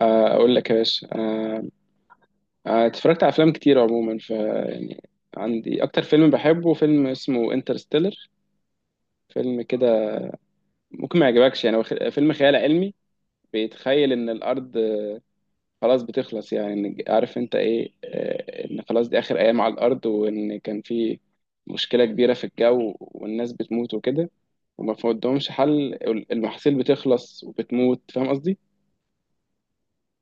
اقول لك يا باشا اتفرجت على افلام كتير عموما ف يعني عندي اكتر فيلم بحبه، فيلم اسمه انترستيلر. فيلم كده ممكن ما يعجبكش، يعني هو فيلم خيال علمي. بيتخيل ان الارض خلاص بتخلص، يعني عارف انت ايه، ان خلاص دي اخر ايام على الارض، وان كان في مشكلة كبيرة في الجو والناس بتموت وكده، وما فيهمش حل. المحاصيل بتخلص وبتموت. فاهم قصدي؟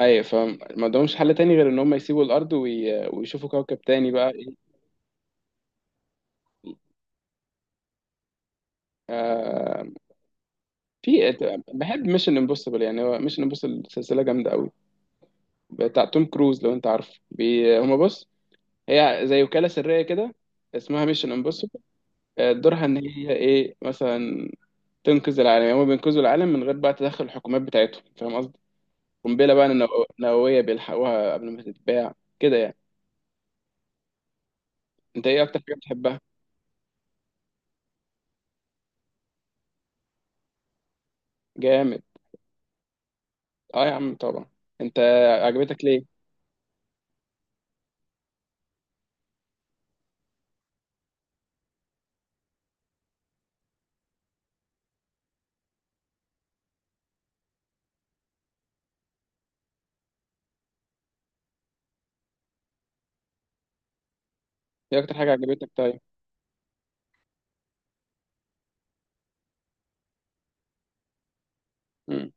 ايوه. فما عندهمش حل تاني غير ان هم يسيبوا الارض ويشوفوا كوكب تاني بقى إيه. آه في. بحب ميشن امبوسيبل، يعني هو ميشن امبوسيبل سلسله جامده قوي، بتاع توم كروز لو انت عارف. بي هما بص، هي زي وكاله سريه كده، اسمها ميشن امبوسيبل. دورها ان هي ايه مثلا، تنقذ العالم. يعني هما بينقذوا العالم من غير بقى تدخل الحكومات بتاعتهم، فاهم قصدي. قنبله بقى نوويه بيلحقوها قبل ما تتباع كده يعني. انت ايه اكتر حاجه بتحبها؟ جامد. اه يا عم طبعا. انت، عجبتك ليه؟ ايه اكتر حاجه عجبتك طيب؟ امم.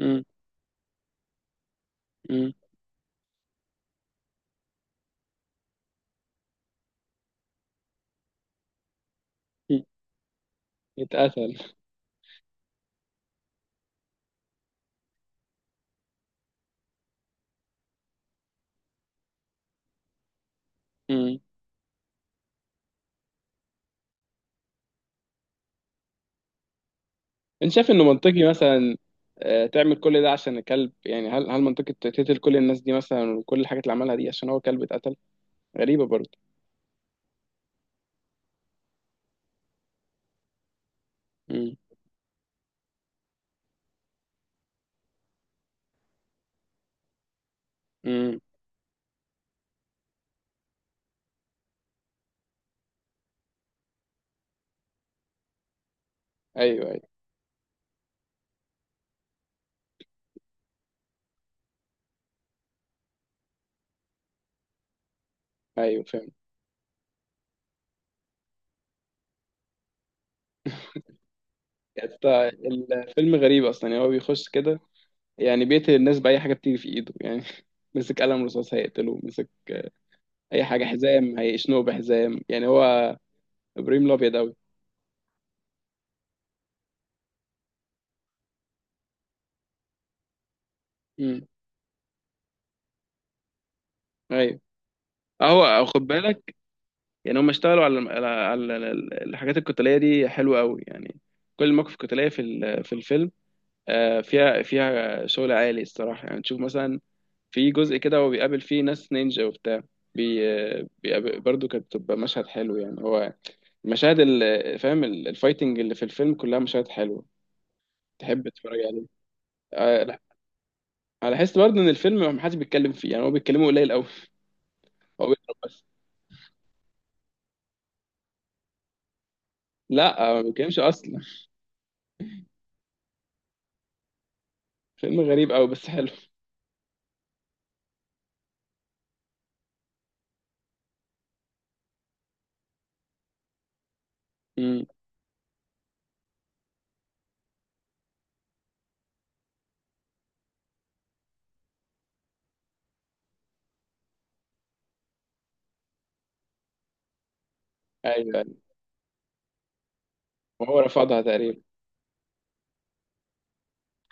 امم. امم. اتقتل. انت شايف انه منطقي مثلا؟ تعمل كل ده عشان الكلب؟ يعني هل منطقي تقتل كل الناس دي مثلا، وكل الحاجات اللي عملها دي، عشان هو كلب اتقتل؟ غريبة برضه. امم. امم. ايوه ايوه. ايوه فاهم. يعني أنت، الفيلم غريب اصلا، يعني هو بيخش كده يعني بيقتل الناس بأي حاجة بتيجي في ايده يعني. مسك قلم رصاص هيقتله، مسك اي حاجة، حزام هيشنقه بحزام يعني. هو ابراهيم الابيض اوي. امم. ايوه. اهو خد بالك، يعني هم اشتغلوا على على الحاجات القتاليه دي حلوه قوي يعني. كل المواقف القتاليه في الفيلم فيها شغل عالي الصراحه، يعني تشوف مثلا في جزء كده هو بيقابل فيه ناس نينجا وبتاع. بي بيقابل برضه، كانت بتبقى مشهد حلو يعني. هو المشاهد فاهم الفايتنج اللي في الفيلم كلها مشاهد حلوه تحب تتفرج عليه. آه، لا، انا لاحظت برضه ان الفيلم ما حدش بيتكلم فيه، يعني هو بيتكلموا قليل قوي. هو بيضرب بس. لا، ما بيتكلمش اصلا. فيلم غريب قوي بس حلو. امم. ايوه أيوه. وهو رفضها تقريبا.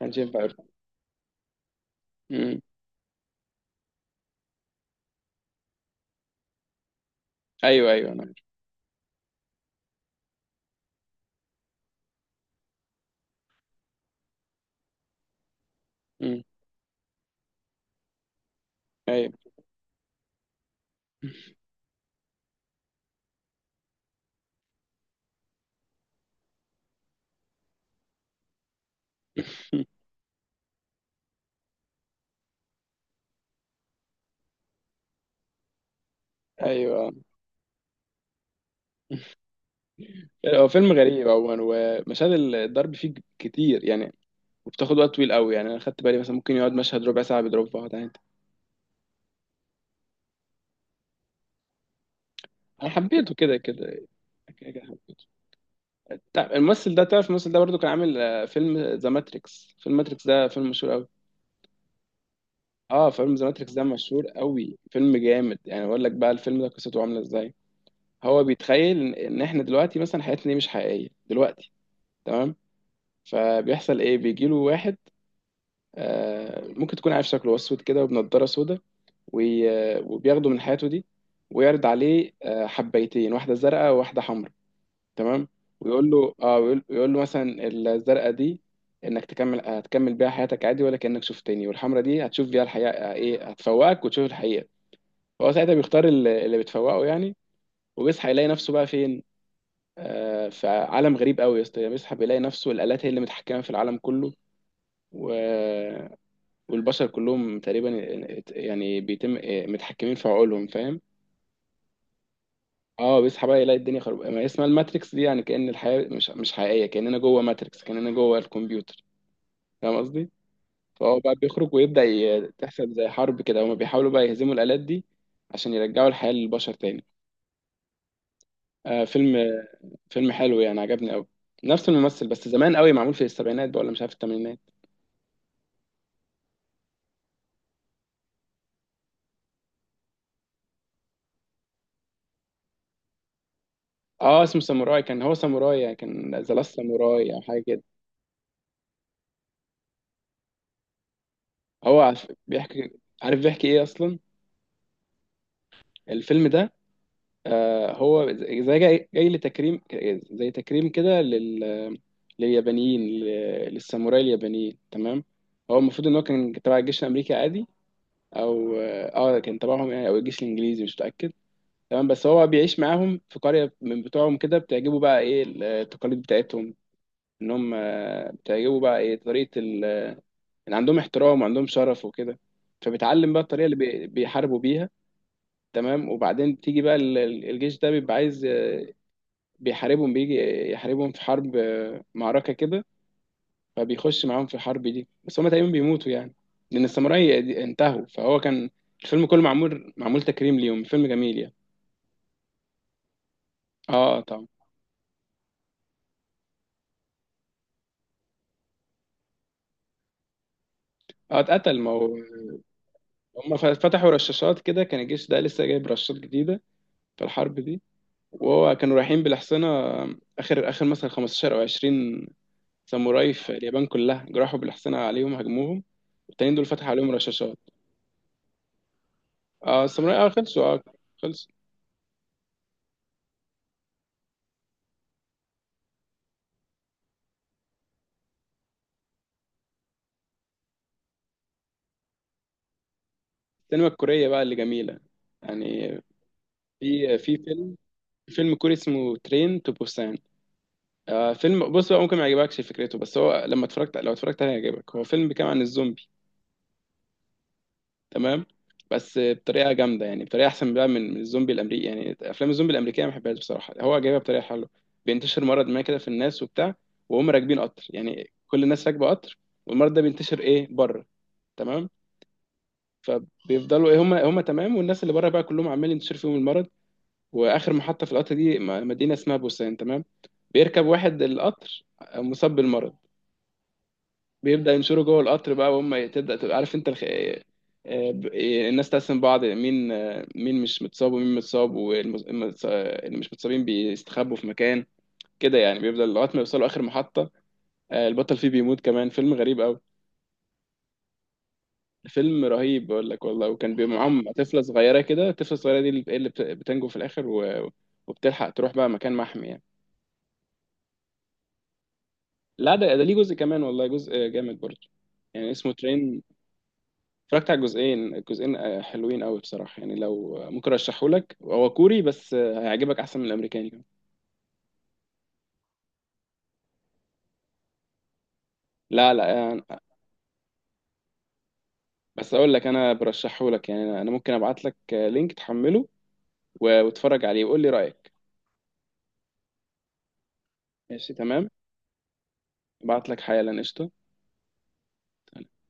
كانش ينفع يرفض. مم. ايوه ايوه انا عارف. مم. ايوه ايوه. هو فيلم غريب عموما، ومشاهد الضرب فيه كتير يعني، وبتاخد وقت طويل قوي. يعني انا خدت بالي مثلا ممكن يقعد مشهد ربع ساعه بيضرب في واحد عادي. انا حبيته كده كده، كده كده حبيته. الممثل ده، تعرف الممثل ده برضو كان عامل فيلم ذا ماتريكس. فيلم ماتريكس ده فيلم مشهور قوي. اه فيلم ذا ماتريكس ده مشهور قوي، فيلم جامد. يعني اقول لك بقى الفيلم ده قصته عامله ازاي. هو بيتخيل ان إن احنا دلوقتي مثلا حياتنا دي مش حقيقيه دلوقتي. تمام. فبيحصل ايه، بيجي له واحد، ممكن تكون عارف شكله، هو اسود كده وبنضاره سودا، وبياخده من حياته دي، ويعرض عليه حبيتين، واحده زرقاء وواحده حمراء. تمام. ويقول له اه، ويقول يقول له مثلا الزرقاء دي انك تكمل، هتكمل بيها حياتك عادي ولا كانك شفتني، والحمراء دي هتشوف بيها الحقيقه، ايه هتفوقك وتشوف الحقيقه. فهو ساعتها بيختار اللي بتفوقه يعني، وبيصحى يلاقي نفسه بقى فين. فعالم غريب قوي يا اسطى. بيصحى بيلاقي نفسه الآلات هي اللي متحكمة في العالم كله، و... والبشر كلهم تقريبا يعني بيتم متحكمين في عقولهم، فاهم. اه بيصحى بقى يلاقي الدنيا خرب، ما هي اسمها الماتريكس دي، يعني كأن الحياة مش حقيقية، كأننا جوه ماتريكس، كأننا جوه الكمبيوتر، فاهم قصدي. فهو بقى بيخرج ويبدأ تحصل زي حرب كده، هما بيحاولوا بقى يهزموا الآلات دي عشان يرجعوا الحياة للبشر تاني. آه فيلم، فيلم حلو يعني، عجبني قوي. نفس الممثل بس زمان قوي، معمول في السبعينات بقى ولا مش عارف الثمانينات. اه اسمه ساموراي، كان هو ساموراي يعني، كان ذا لاست ساموراي او حاجه كده. هو عارف- بيحكي، عارف بيحكي ايه اصلا الفيلم ده. آه هو زي جاي لتكريم، زي تكريم كده لل... لليابانيين، للساموراي اليابانيين. تمام. هو المفروض ان هو كان تبع الجيش الامريكي عادي، او كان تبعهم يعني، او الجيش الانجليزي مش متاكد. تمام. بس هو بيعيش معاهم في قريه من بتوعهم كده، بتعجبه بقى ايه التقاليد بتاعتهم، ان هم بتعجبه بقى ايه طريقه، يعني عندهم احترام وعندهم شرف وكده. فبتعلم بقى الطريقه اللي بيحاربوا بيها. تمام. وبعدين تيجي بقى الجيش ده بيبقى عايز بيحاربهم. بيجي يحاربهم في حرب معركه كده. فبيخش معاهم في الحرب دي، بس هما تقريبا بيموتوا يعني، لان الساموراي انتهوا. فهو كان الفيلم كله معمول، معمول تكريم ليهم. فيلم جميل يعني. اه طبعا. اه اتقتل ما هو. هما فتحوا رشاشات كده، كان الجيش ده لسه جايب رشاشات جديده في الحرب دي. وهو كانوا رايحين بالحصينة، آخر آخر مثلا 15 أو 20 ساموراي في اليابان كلها، جرحوا بالحصينة عليهم هاجموهم. التانيين دول فتحوا عليهم رشاشات. اه الساموراي اه خلصوا، اه خلصوا. السينما الكورية بقى اللي جميلة، يعني في فيلم، فيلم كوري اسمه ترين تو بوسان. آه فيلم، بص بقى ممكن ما يعجبكش فكرته، بس هو لما اتفرجت، لو اتفرجت عليه هيعجبك. هو فيلم بيتكلم عن الزومبي، تمام، بس بطريقه جامده يعني، بطريقه احسن بقى من الزومبي الامريكي. يعني افلام الزومبي الامريكيه ما بحبهاش بصراحه، هو جايبها بطريقه حلوه. بينتشر مرض ما كده في الناس وبتاع، وهم راكبين قطر يعني كل الناس راكبه قطر، والمرض ده بينتشر ايه بره. تمام. فبيفضلوا ايه هم تمام، والناس اللي بره بقى كلهم عمال ينتشر فيهم المرض. واخر محطه في القطر دي مدينه اسمها بوسان. تمام. بيركب واحد القطر مصاب بالمرض، بيبدأ ينشروا جوه القطر بقى، وهم تبدأ تبقى عارف انت الناس تقسم بعض مين مين مش متصاب ومين متصاب، واللي مش متصابين بيستخبوا في مكان كده يعني. بيبدأ لغاية ما يوصلوا آخر محطة، البطل فيه بيموت كمان. فيلم غريب أوي، فيلم رهيب بقول لك والله. وكان بيبقى معاهم طفلة صغيرة كده، الطفلة الصغيرة دي اللي بتنجو في الآخر، و- وبتلحق تروح بقى مكان محمي يعني. لا ده ده ليه جزء كمان والله، جزء جامد برضه يعني، اسمه ترين. اتفرجت على الجزئين، الجزئين حلوين قوي بصراحه يعني. لو ممكن ارشحهولك، هو كوري بس هيعجبك احسن من الامريكاني كمان. لا لا بس اقول لك، انا برشحهولك يعني. انا ممكن ابعت لك لينك تحمله و- واتفرج عليه وقول لي رايك. ماشي تمام، ابعت لك حالا قشطه.